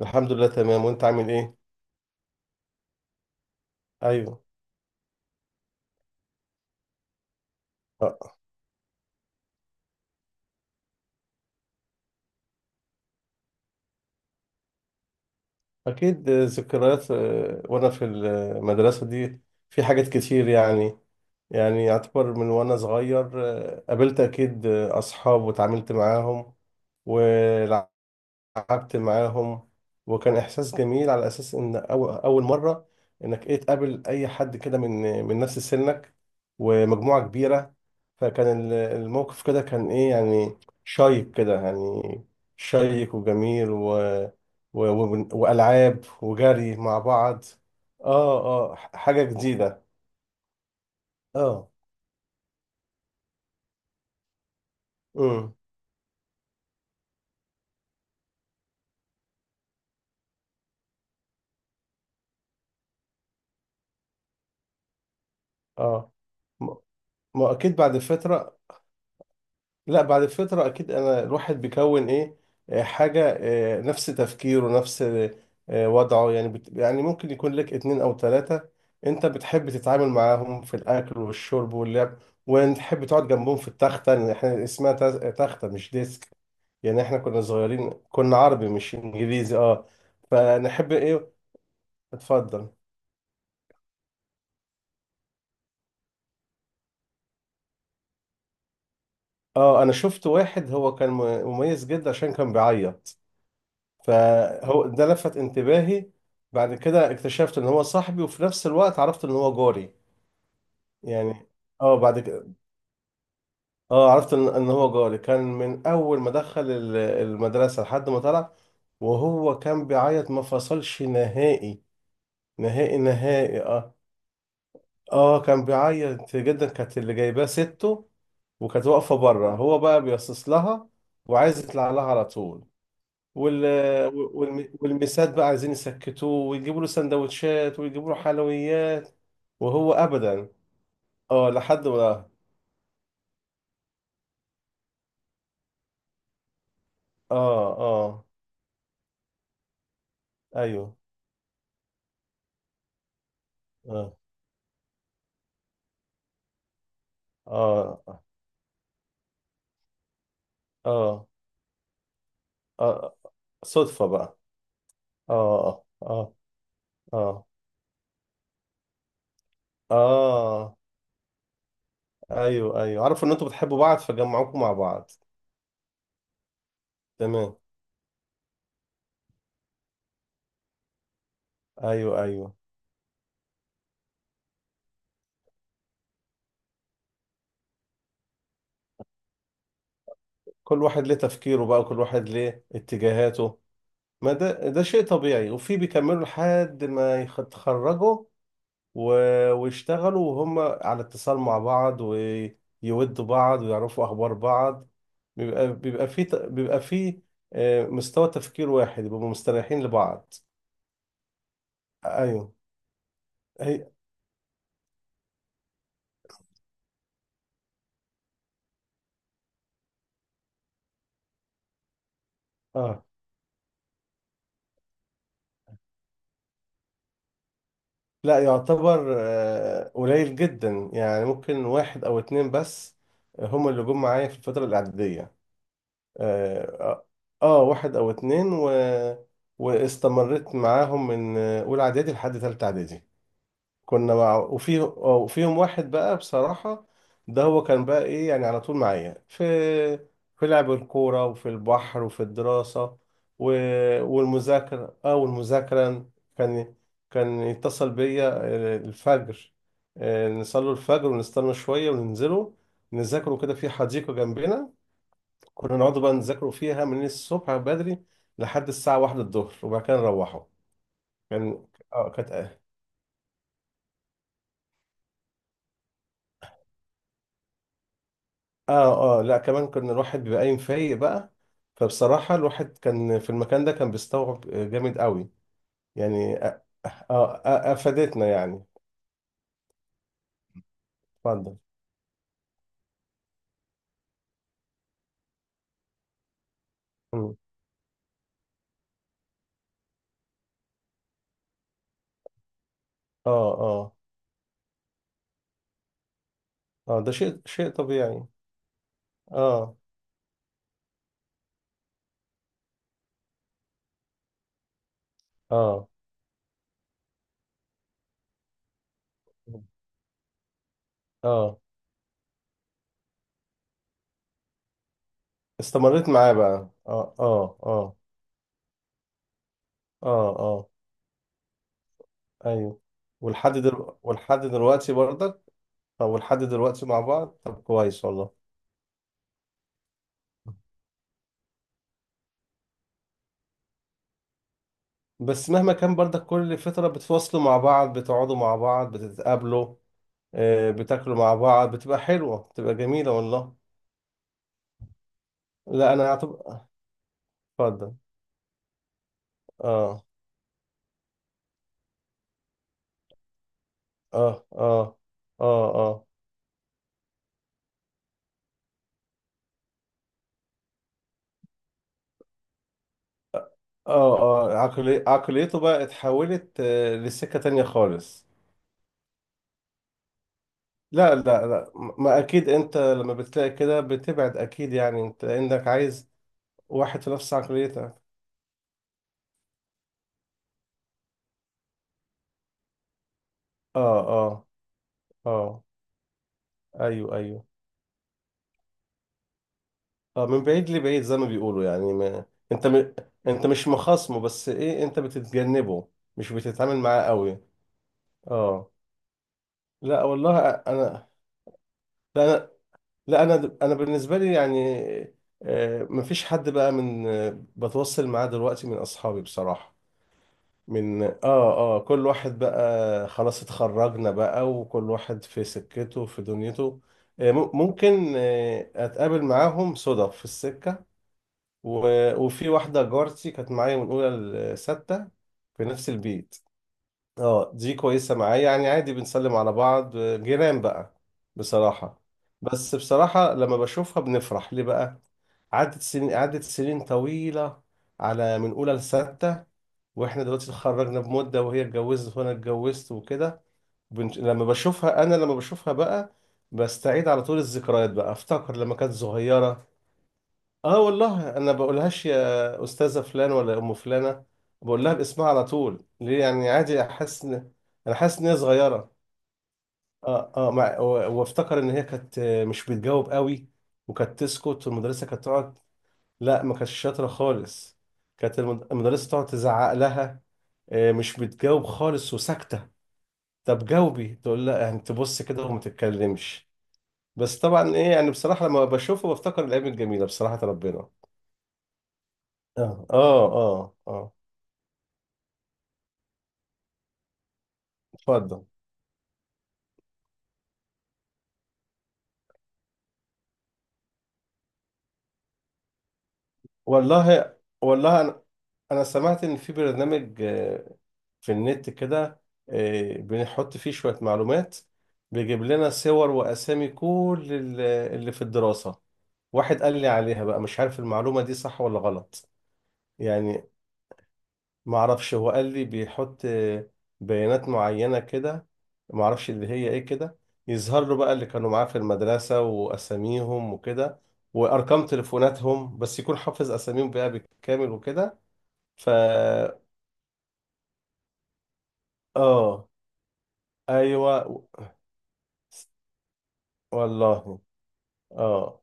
الحمد لله، تمام. وانت عامل ايه؟ ايوه. آه. اكيد آه، ذكريات آه، وانا في المدرسه دي في حاجات كتير. يعني يعتبر من وانا صغير آه، قابلت اكيد آه، اصحاب وتعاملت معاهم، قعدت معاهم. وكان احساس جميل على اساس ان اول مره انك ايه تقابل اي حد كده من نفس سنك، ومجموعه كبيره. فكان الموقف كده كان ايه، يعني شيق كده، يعني شيق وجميل، والعاب وجري مع بعض. اه اه، حاجه جديده. اه. امم اه. ما ما اكيد بعد فتره. لا بعد فترة، أكيد أنا الواحد بيكون إيه آه، حاجة آه، نفس تفكيره، نفس آه، وضعه. يعني يعني ممكن يكون لك اتنين أو تلاتة أنت بتحب تتعامل معاهم في الأكل والشرب واللعب، وتحب تقعد جنبهم في التختة. يعني إحنا اسمها تختة، مش ديسك. يعني إحنا كنا صغيرين، كنا عربي مش إنجليزي أه، فنحب إيه. اتفضل. أه أنا شفت واحد هو كان مميز جدا عشان كان بيعيط، فهو ده لفت انتباهي. بعد كده اكتشفت ان هو صاحبي، وفي نفس الوقت عرفت ان هو جاري. يعني اه بعد كده اه عرفت ان هو جاري كان من اول ما دخل المدرسة لحد ما طلع. وهو كان بيعيط، ما فصلش نهائي، نهائي نهائي. اه اه كان بيعيط جدا، كانت اللي جايباه سته وكانت واقفة بره، هو بقى بيصص لها وعايز يطلع لها على طول. وال والمسات بقى عايزين يسكتوه ويجيبوا له سندوتشات ويجيبوا له حلويات، وهو ابدا. اه لحد ما. اه اه ايوه. اه اه اه اه صدفة بقى. اه اه اه اه ايوه ايوه، عارفوا ان انتوا بتحبوا بعض فجمعوكم مع بعض. تمام. ايوه ايوه، كل واحد ليه تفكيره بقى، وكل واحد ليه اتجاهاته. ما ده شيء طبيعي. وفي بيكملوا لحد ما يتخرجوا ويشتغلوا، وهم على اتصال مع بعض، ويودوا بعض ويعرفوا أخبار بعض. بيبقى في آه، مستوى تفكير واحد، بيبقوا مستريحين لبعض. أيوه. هي آه لا، يعتبر آه، قليل جدا، يعني ممكن واحد أو اتنين بس هم اللي جم معايا في الفترة الإعدادية. آه آه آه، واحد أو اتنين واستمريت معاهم من آه، أولى إعدادي لحد تالتة إعدادي. كنا مع وفيهم واحد بقى بصراحة، ده هو كان بقى ايه، يعني على طول معايا في لعب الكورة وفي البحر وفي الدراسة و... والمذاكرة اه والمذاكرة. كان كان يتصل بيا آه، الفجر، آه، نصلي الفجر ونستنى شوية وننزله، نذاكروا كده في حديقة جنبنا. كنا نقعد بقى نذاكروا فيها من الصبح بدري لحد الساعة واحدة الظهر، وبعد كده نروحوا. كان اه كانت، اه اه لا كمان كان الواحد بيبقى قايم فايق بقى، فبصراحة الواحد كان في المكان ده كان بيستوعب جامد قوي. يعني اه آه، آه، افادتنا يعني. اتفضل. مم. اه اه اه ده شيء طبيعي. اه اه اه استمريت معاه بقى، اه اه اه اه اه ايوه. ولحد دلوقتي برضك. اه، ولحد دلوقتي مع بعض، طب كويس والله. بس مهما كان برضك، كل فترة بتفصلوا مع بعض، بتقعدوا مع بعض، بتتقابلوا آه، بتاكلوا مع بعض، بتبقى حلوة، بتبقى جميلة والله. لا أنا أعتبر. اتفضل. آه آه آه آه آه آه آه عقليته بقى اتحولت آه، لسكة تانية خالص. لا لا لا، ما أكيد أنت لما بتلاقي كده بتبعد أكيد، يعني أنت إنك عايز واحد في نفس عقليتك. آه آه آه. أيوه أيوه. اه، من بعيد لبعيد زي ما بيقولوا يعني. ما انت م... انت مش مخاصمه، بس ايه، انت بتتجنبه، مش بتتعامل معاه قوي. اه. لا والله انا، لا انا، لا انا بالنسبه لي، يعني آه مفيش حد بقى من آه، بتوصل معاه دلوقتي من اصحابي بصراحه. من اه اه كل واحد بقى خلاص اتخرجنا بقى، وكل واحد في سكته في دنيته. آه، ممكن آه، اتقابل معاهم صدف في السكه و... وفي واحدة جارتي كانت معايا من أولى لستة، في نفس البيت. اه، دي كويسة معايا يعني، عادي بنسلم على بعض، جيران بقى بصراحة. بس بصراحة لما بشوفها بنفرح ليه بقى، عدت سنين، عدت سنين طويلة، على من أولى لستة. وإحنا دلوقتي اتخرجنا بمدة، وهي اتجوزت وأنا اتجوزت وكده. لما بشوفها، أنا لما بشوفها بقى بستعيد على طول الذكريات بقى، أفتكر لما كانت صغيرة. اه والله، انا بقولهاش يا استاذه فلان ولا ام فلانه، بقول لها باسمها على طول، ليه يعني؟ عادي، احس ان، انا حاسس ان هي صغيره. اه اه وافتكر ان هي كانت مش بتجاوب قوي، وكانت تسكت والمدرسه كانت تقعد. لا، ما كانتش شاطره خالص. كانت المدرسه تقعد تزعق لها، آه، مش بتجاوب خالص وساكته. طب جاوبي، تقول لا، يعني تبص كده وما تتكلمش. بس طبعا ايه يعني، بصراحه لما بشوفه بفتكر الايام الجميله بصراحه، ربنا. اه اه اه اه. اتفضل. والله، والله انا انا سمعت ان في برنامج آه، في النت كده آه، بنحط فيه شوية معلومات، بيجيب لنا صور واسامي كل اللي في الدراسة. واحد قال لي عليها بقى، مش عارف المعلومة دي صح ولا غلط. يعني ما اعرفش، هو قال لي بيحط بيانات معينة كده، ما اعرفش اللي هي ايه كده، يظهر له بقى اللي كانوا معاه في المدرسة واساميهم وكده وارقام تليفوناتهم، بس يكون حافظ اساميهم بقى بالكامل وكده. فا اه ايوه والله. اه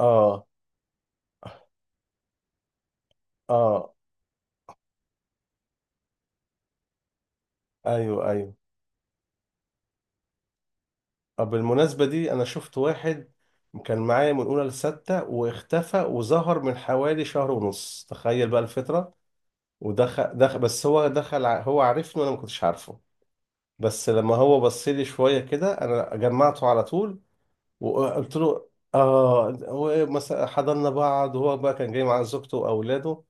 اه اه ايوه ايوه. آه، بالمناسبة دي انا شفت واحد كان معايا من اولى لستة، واختفى وظهر من حوالي شهر ونص. تخيل بقى الفترة! دخل، بس هو دخل هو عارفني وانا ما كنتش عارفه. بس لما هو بص لي شويه كده انا جمعته على طول، وقلت له اه هو إيه، مثلا حضننا بعض، وهو بقى كان جاي مع زوجته واولاده.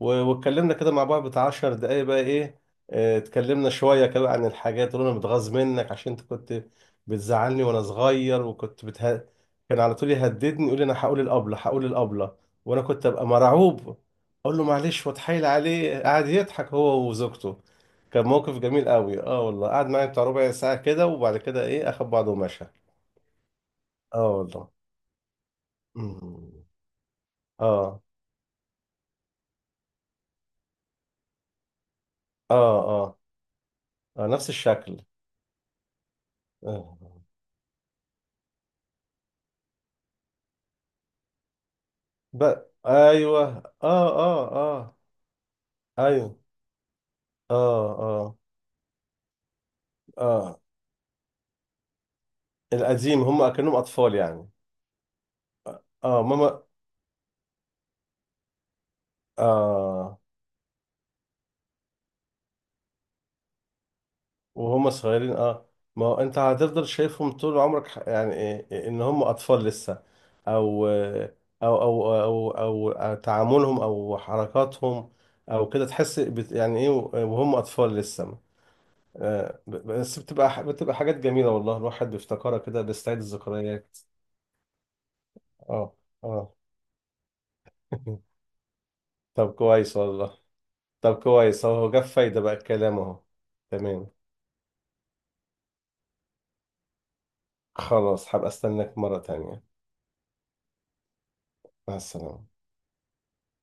واتكلمنا كده مع بعض بتاع 10 دقايق بقى ايه، آه، اتكلمنا شوية كده عن الحاجات اللي انا متغاظ منك عشان انت كنت بتزعلني وانا صغير، وكنت كان على طول يهددني، يقول لي انا هقول الابلة، هقول الابلة، وانا كنت ابقى مرعوب، اقول له معلش واتحايل عليه، قعد يضحك هو وزوجته. كان موقف جميل قوي اه والله، قعد معايا بتاع ربع ساعة كده، وبعد كده ايه اخد بعضه ومشى. اه والله. أمم. اه اه اه، آه، نفس الشكل. اه ب... ايوه. اه اه اه ايوه. اه اه اه القديم، هم كأنهم اطفال يعني. اه ماما. اه وهم صغيرين اه. ما هو انت هتفضل شايفهم طول عمرك، يعني إيه ان هم اطفال لسه. أو تعاملهم او حركاتهم او كده، تحس يعني ايه، وهم اطفال لسه. آه، بس بتبقى بتبقى حاجات جميلة والله، الواحد بيفتكرها كده، بيستعيد الذكريات. اه اه. طب كويس والله. طب كويس، هو جاب فايدة بقى الكلام اهو. تمام. خلاص هبقى استناك مرة تانية. مع السلامة.